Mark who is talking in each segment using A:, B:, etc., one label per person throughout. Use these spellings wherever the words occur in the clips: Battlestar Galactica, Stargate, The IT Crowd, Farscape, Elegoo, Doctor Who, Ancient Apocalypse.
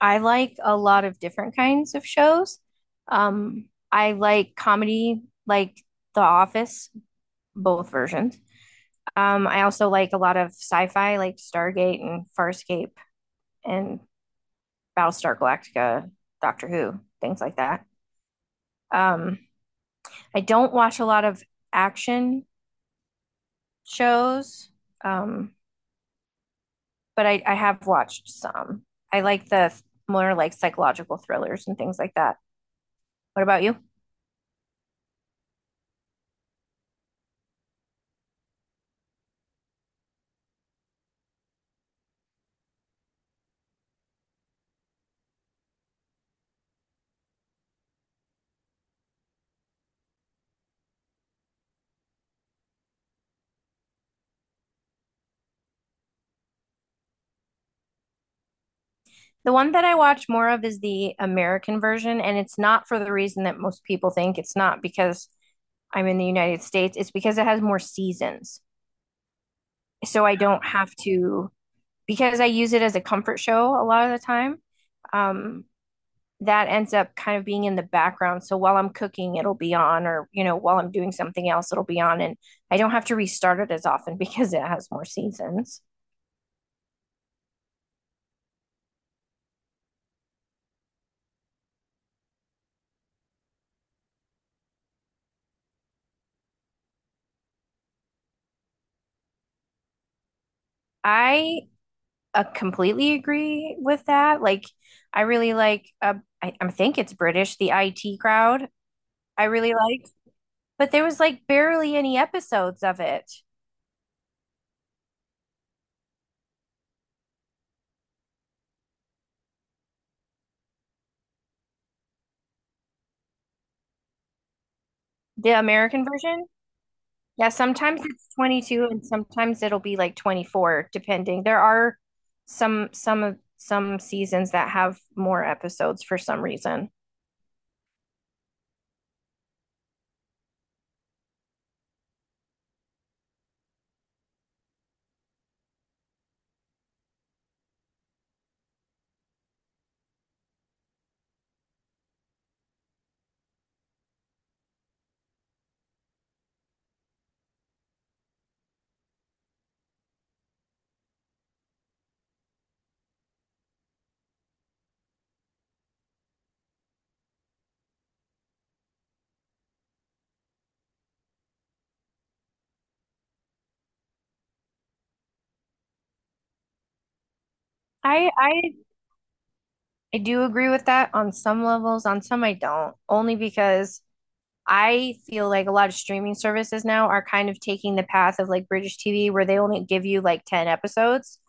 A: I like a lot of different kinds of shows. Um, I like comedy, like The Office, both versions. I also like a lot of sci-fi, like Stargate and Farscape and Battlestar Galactica, Doctor Who, things like that. Um, I don't watch a lot of action shows, um, but I have watched some. I like the more like psychological thrillers and things like that. What about you? The one that I watch more of is the American version, and it's not for the reason that most people think. It's not because I'm in the United States, it's because it has more seasons. So I don't have to, because I use it as a comfort show a lot of the time. Um, that ends up kind of being in the background. So while I'm cooking, it'll be on, or, while I'm doing something else, it'll be on. And I don't have to restart it as often because it has more seasons. I completely agree with that. Like, I really like, I think it's British, the IT crowd. I really like, but there was like barely any episodes of it. The American version? Yeah, sometimes it's 22 and sometimes it'll be like 24 depending. There are some seasons that have more episodes for some reason. I I do agree with that on some levels, on some I don't. Only because I feel like a lot of streaming services now are kind of taking the path of like British TV where they only give you like 10 episodes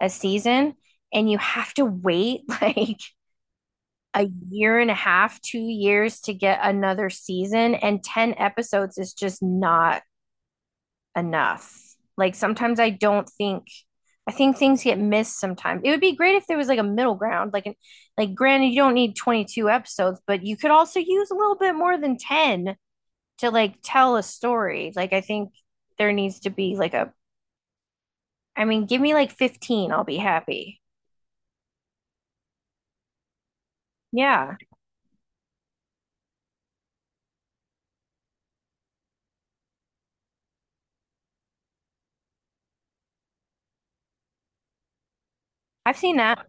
A: a season and you have to wait like a year and a half, 2 years to get another season, and 10 episodes is just not enough. Like sometimes I don't think I think things get missed sometimes. It would be great if there was like a middle ground, like an, like granted you don't need 22 episodes, but you could also use a little bit more than 10 to like tell a story. Like I think there needs to be like a I mean, give me like 15, I'll be happy. Yeah. I've seen that.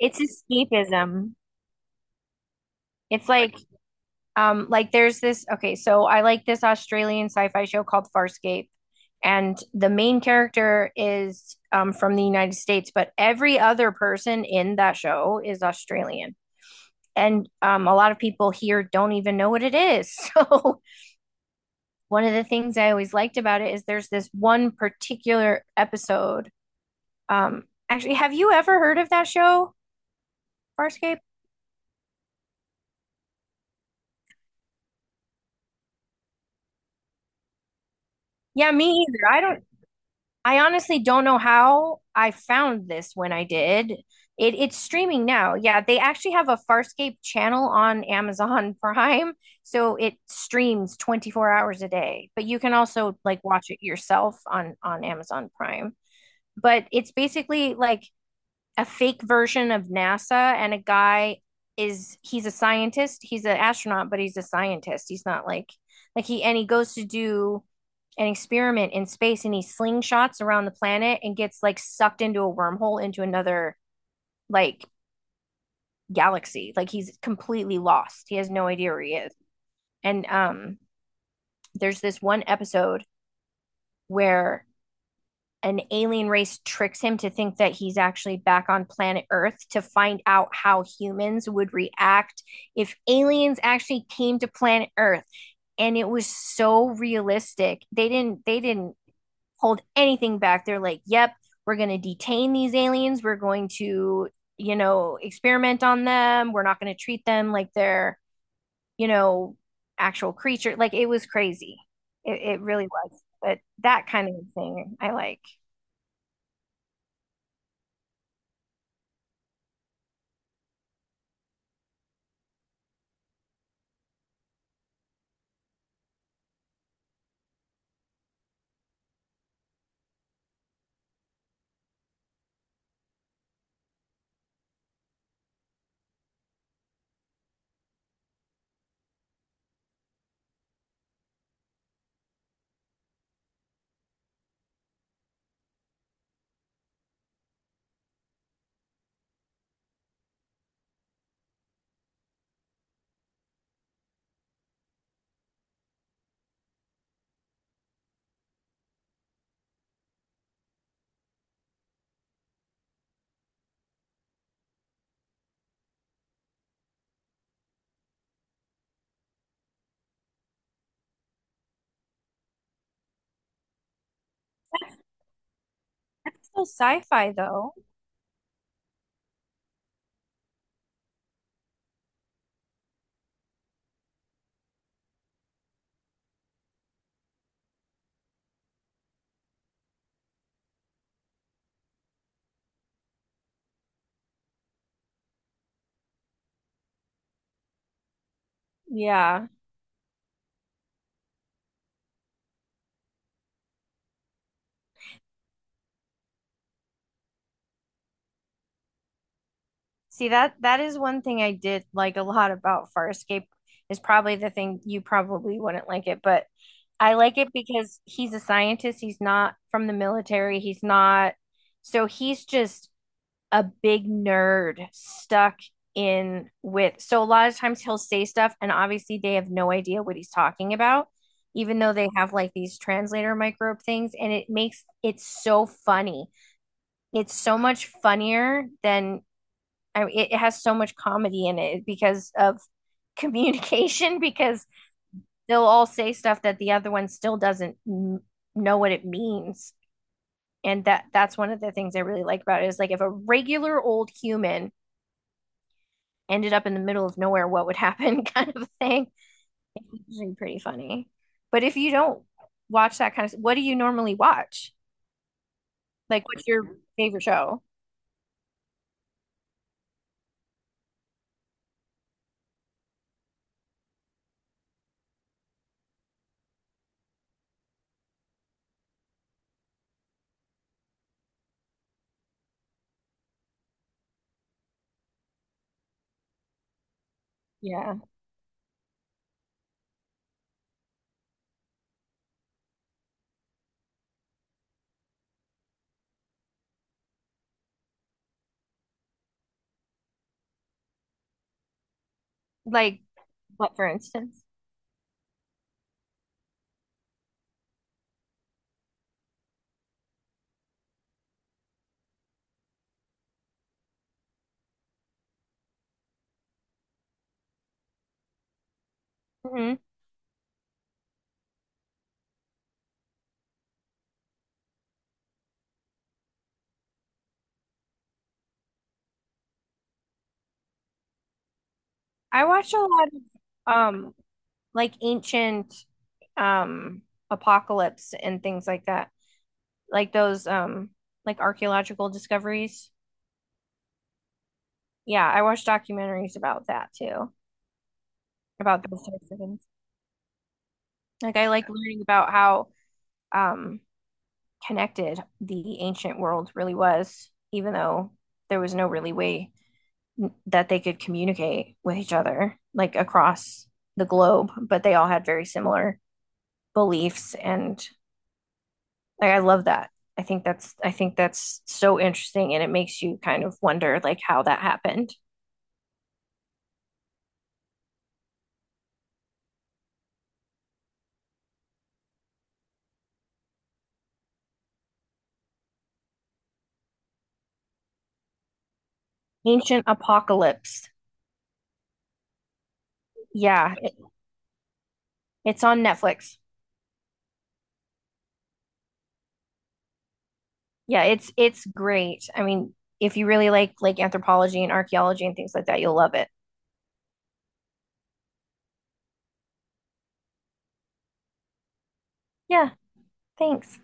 A: It's escapism. It's like there's this, okay, so I like this Australian sci-fi show called Farscape, and the main character is from the United States, but every other person in that show is Australian. And a lot of people here don't even know what it is. So, one of the things I always liked about it is there's this one particular episode. Um, actually, have you ever heard of that show, Farscape? Yeah, me either. I honestly don't know how I found this when I did. It's streaming now. Yeah, they actually have a Farscape channel on Amazon Prime, so it streams 24 hours a day. But you can also like watch it yourself on Amazon Prime. But it's basically like a fake version of NASA, and a guy is he's a scientist. He's an astronaut, but he's a scientist. He's not like like he and he goes to do an experiment in space, and he slingshots around the planet and gets like sucked into a wormhole into another like galaxy. Like he's completely lost. He has no idea where he is. And there's this one episode where an alien race tricks him to think that he's actually back on planet Earth to find out how humans would react if aliens actually came to planet Earth. And it was so realistic. They didn't hold anything back. They're like, "Yep, we're going to detain these aliens. We're going to, you know, experiment on them. We're not going to treat them like they're, you know, actual creature." Like it was crazy. It really was. But that kind of thing I like. That's so sci-fi though. Yeah. See that is one thing I did like a lot about Farscape is probably the thing you probably wouldn't like it, but I like it because he's a scientist, he's not from the military, he's not so he's just a big nerd stuck in with so a lot of times he'll say stuff and obviously they have no idea what he's talking about, even though they have like these translator microbe things and it makes it so funny it's so much funnier than I mean, it has so much comedy in it because of communication because they'll all say stuff that the other one still doesn't know what it means. And that's one of the things I really like about it is like if a regular old human ended up in the middle of nowhere, what would happen kind of thing. It's usually pretty funny. But if you don't watch that kind of, what do you normally watch? Like, what's your favorite show? Yeah. Like, what, for instance? Mhm. I watch a lot of like ancient um apocalypse and things like that. Like those like archaeological discoveries. Yeah, I watch documentaries about that too, about those types of things. Like I like learning about how um connected the ancient world really was, even though there was no really way that they could communicate with each other, like across the globe, but they all had very similar beliefs and like I love that. I think that's so interesting and it makes you kind of wonder like how that happened. Ancient Apocalypse. Yeah, it- it's on Netflix. Yeah, it's great. I mean, if you really like anthropology and archaeology and things like that, you'll love it. Yeah, thanks.